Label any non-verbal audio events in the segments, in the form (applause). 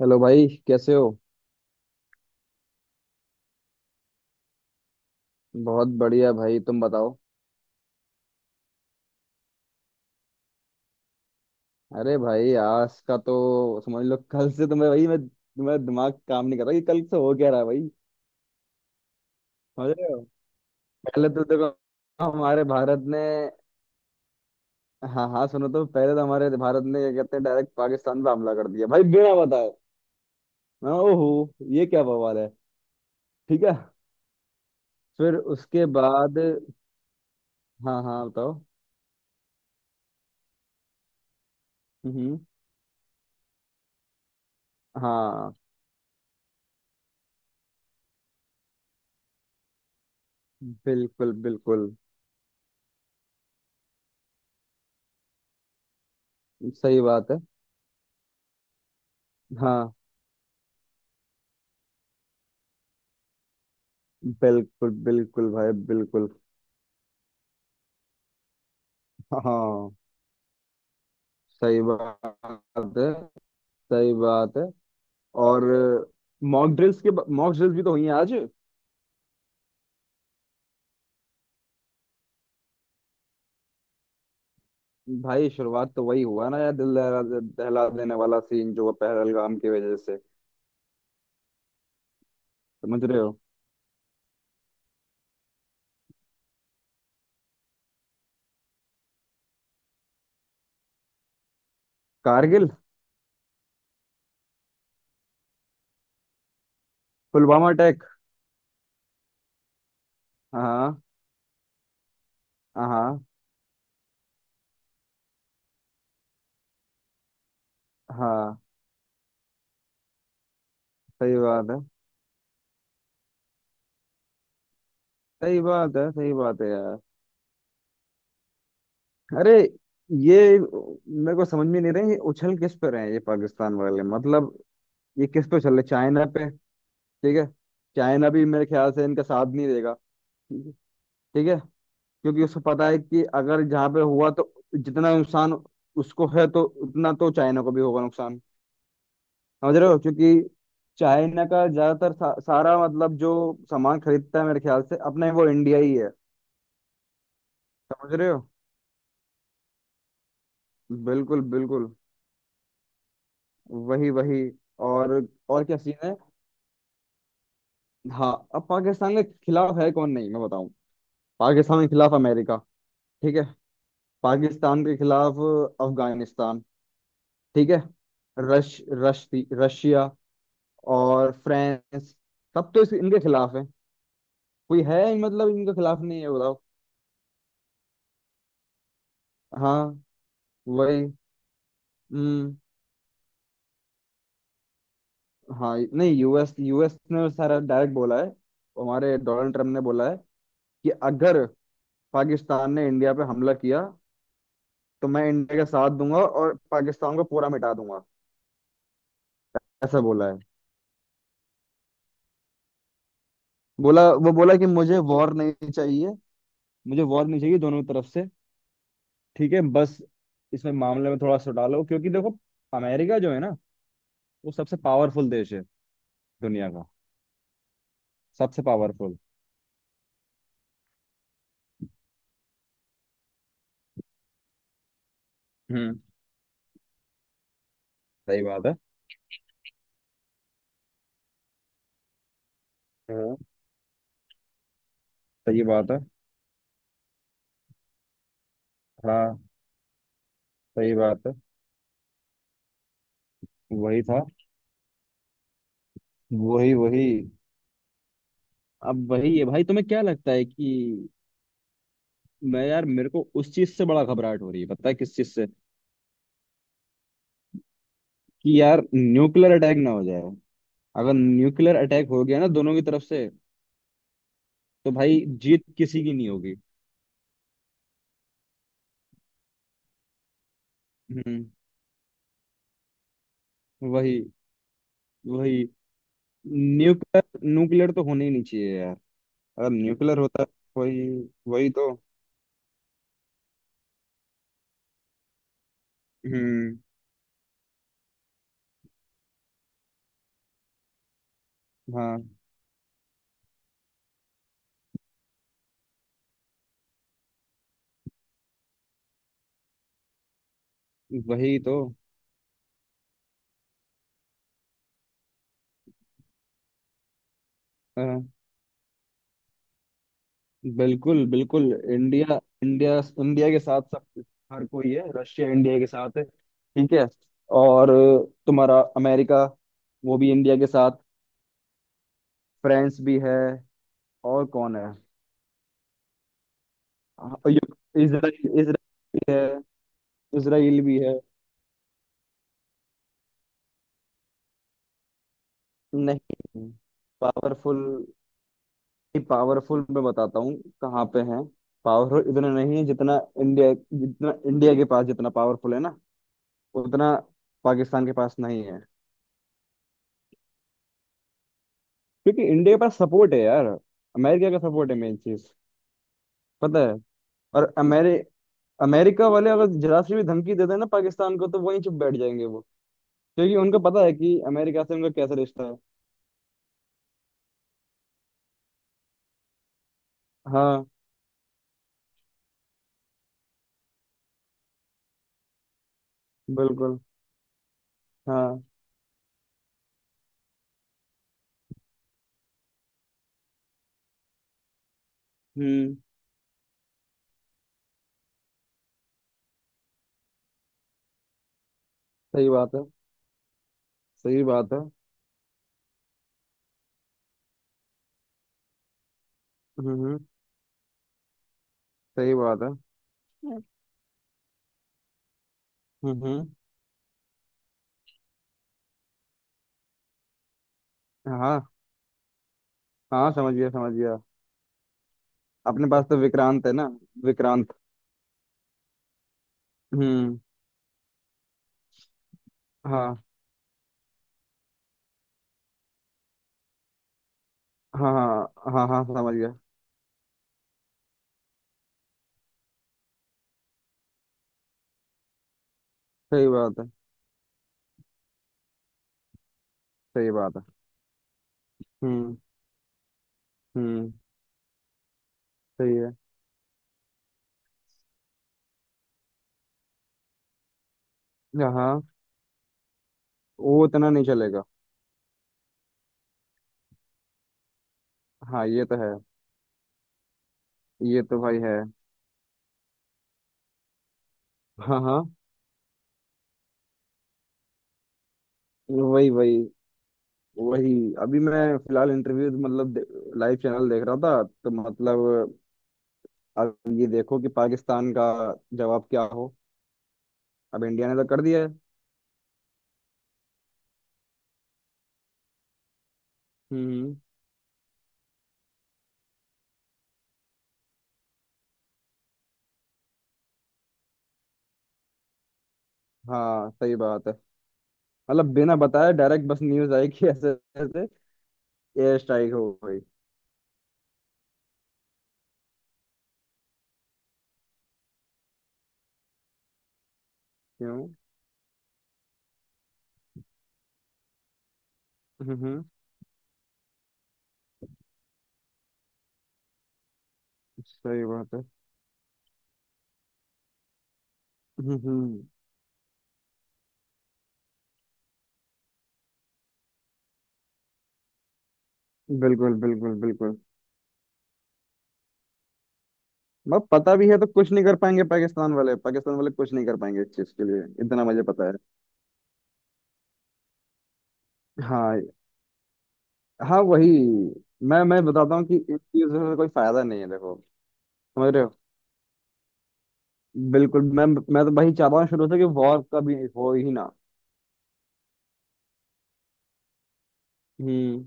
Hello भाई, कैसे हो। बहुत बढ़िया भाई, तुम बताओ। अरे भाई, आज का तो समझ लो, कल से तुम्हें, भाई मैं, तुम्हारा दिमाग काम नहीं कर रहा कि कल से हो क्या रहा है भाई। समझ रहे हो। पहले तो देखो हमारे भारत ने, हाँ हाँ सुनो तो, पहले तो हमारे भारत ने क्या कहते हैं, डायरेक्ट पाकिस्तान पे हमला कर दिया भाई, बिना बताए। ओहो, ये क्या बवाल है। ठीक है। फिर उसके बाद, हाँ हाँ बताओ। हम्म। हाँ। बिल्कुल बिल्कुल। सही बात है। हाँ। बिल्कुल बिल्कुल भाई बिल्कुल। हाँ। सही बात है। सही बात है। और मॉक ड्रिल्स के, मॉक ड्रिल्स भी तो हुई हैं आज। भाई शुरुआत तो वही हुआ ना यार, दिल दहला दहला देने वाला सीन जो हुआ पहलगाम की वजह से। समझ रहे हो। कारगिल। पुलवामा अटैक। हाँ। हाँ। हाँ। सही बात है। सही बात है। सही बात है यार। अरे, ये मेरे को समझ में नहीं रहा, ये उछल किस पे रहे हैं ये पाकिस्तान वाले, मतलब ये किस पे चल रहे, चाइना पे। ठीक है। चाइना भी मेरे ख्याल से इनका साथ नहीं देगा। ठीक है। ठीक है। क्योंकि उसको पता है कि अगर जहाँ पे हुआ तो जितना नुकसान उसको है तो उतना तो चाइना को भी होगा नुकसान। समझ रहे हो, क्योंकि चाइना का ज्यादातर सारा, मतलब जो सामान खरीदता है मेरे ख्याल से अपने, वो इंडिया ही है। समझ रहे हो। बिल्कुल बिल्कुल। वही वही। और और क्या सीन है। हाँ, अब पाकिस्तान के खिलाफ है कौन नहीं, मैं बताऊं। पाकिस्तान के खिलाफ अमेरिका। ठीक है। पाकिस्तान के खिलाफ अफगानिस्तान। ठीक है। रश रश रशिया और फ्रांस, सब तो इनके खिलाफ है। कोई है ही मतलब इनके खिलाफ नहीं है, बताओ। हाँ। वही। हम्म। हाँ नहीं, यूएस यूएस ने सारा डायरेक्ट बोला है। हमारे डोनाल्ड ट्रम्प ने बोला है कि अगर पाकिस्तान ने इंडिया पे हमला किया तो मैं इंडिया का साथ दूंगा और पाकिस्तान को पूरा मिटा दूंगा। ऐसा बोला है। बोला, वो बोला कि मुझे वॉर नहीं चाहिए, मुझे वॉर नहीं चाहिए दोनों तरफ से। ठीक है, बस। इसमें मामले में थोड़ा सा डालो क्योंकि देखो, अमेरिका जो है ना, वो सबसे पावरफुल देश है दुनिया का। सबसे पावरफुल। हम्म। सही बात है। हाँ। सही बात है। हाँ। सही बात है। वही था। वही वही। अब वही है भाई, तुम्हें क्या लगता है कि, मैं यार मेरे को उस चीज से बड़ा घबराहट हो रही है, पता है किस चीज से, कि यार न्यूक्लियर अटैक ना हो जाए। अगर न्यूक्लियर अटैक हो गया ना दोनों की तरफ से, तो भाई जीत किसी की नहीं होगी। हम्म। वही वही। न्यूक्लियर, न्यूक्लियर तो होना ही नहीं चाहिए यार। अगर न्यूक्लियर होता, वही। वही तो। हम्म। हाँ। वही तो। हाँ, बिल्कुल बिल्कुल। इंडिया, इंडिया, इंडिया के साथ सब, हर कोई है। रशिया इंडिया के साथ है। ठीक है। और तुम्हारा अमेरिका, वो भी इंडिया के साथ। फ्रांस भी है। और कौन है। हाँ, इजराइल, इजराइल भी है। इजराइल भी है। नहीं, पावरफुल, पावरफुल मैं बताता हूँ कहाँ पे है। पावरफुल इतना नहीं है जितना इंडिया, जितना इंडिया के पास जितना पावरफुल है ना, उतना पाकिस्तान के पास नहीं है। क्योंकि इंडिया के पास सपोर्ट है यार, अमेरिका का सपोर्ट है, मेन चीज, पता है। और अमेरिका वाले अगर जरा सी भी धमकी दे देना ना पाकिस्तान को, तो वहीं चुप बैठ जाएंगे वो। क्योंकि उनको पता है कि अमेरिका से उनका कैसा रिश्ता है। हाँ। बिल्कुल। हाँ। हम्म। सही बात है। सही बात है। हम्म। सही बात है। हम्म। हम्म। हाँ। हाँ समझ गया, समझ गया। अपने पास तो विक्रांत है ना। विक्रांत। हम्म। हाँ हाँ हाँ हाँ, हाँ समझ गया। सही बात है। सही बात है। हम्म। हम्म। सही है। हाँ, वो इतना नहीं चलेगा। हाँ ये तो है। ये तो भाई है। हाँ हाँ। वही वही। वही अभी मैं फिलहाल इंटरव्यू, मतलब लाइव चैनल देख रहा था तो, मतलब अब ये देखो कि पाकिस्तान का जवाब क्या हो, अब इंडिया ने तो कर दिया है। हम्म। हाँ सही बात है। मतलब बिना बताए डायरेक्ट, बस न्यूज आई कि ऐसे, ऐसे एयर स्ट्राइक हो गई। क्यों। हम्म। सही बात है। हम्म। बिल्कुल बिल्कुल बिल्कुल। मतलब पता भी है तो कुछ नहीं कर पाएंगे पाकिस्तान वाले, पाकिस्तान वाले कुछ नहीं कर पाएंगे इस चीज के लिए, इतना मुझे पता है। हाँ। हाँ वही। मैं बताता हूँ कि इन चीजों से कोई फायदा नहीं है, देखो। समझ रहे हो। बिल्कुल। मैं तो वही चाहता हूँ शुरू से कि वॉर कभी हो ही ना। हम्म।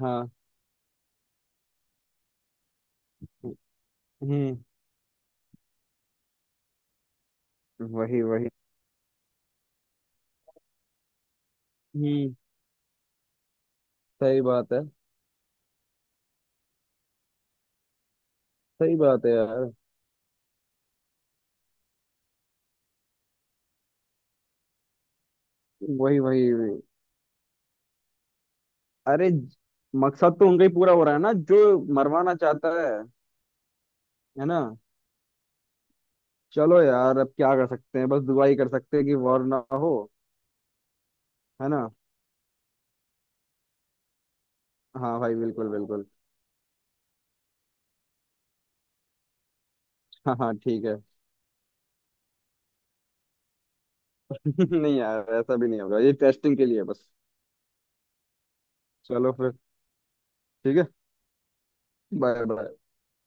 हाँ। हम्म। वही वही। हम्म। सही बात है। सही बात है यार। वही वही वही। अरे, मकसद तो उनका ही पूरा हो रहा है ना जो मरवाना चाहता है। है ना। चलो यार अब क्या कर सकते हैं, बस दुआ ही कर सकते हैं कि वॉर ना हो। है ना। हाँ भाई बिल्कुल बिल्कुल। हाँ हाँ ठीक है। (laughs) नहीं यार ऐसा भी नहीं होगा, ये टेस्टिंग के लिए है बस। चलो फिर। ठीक है। Bye bye.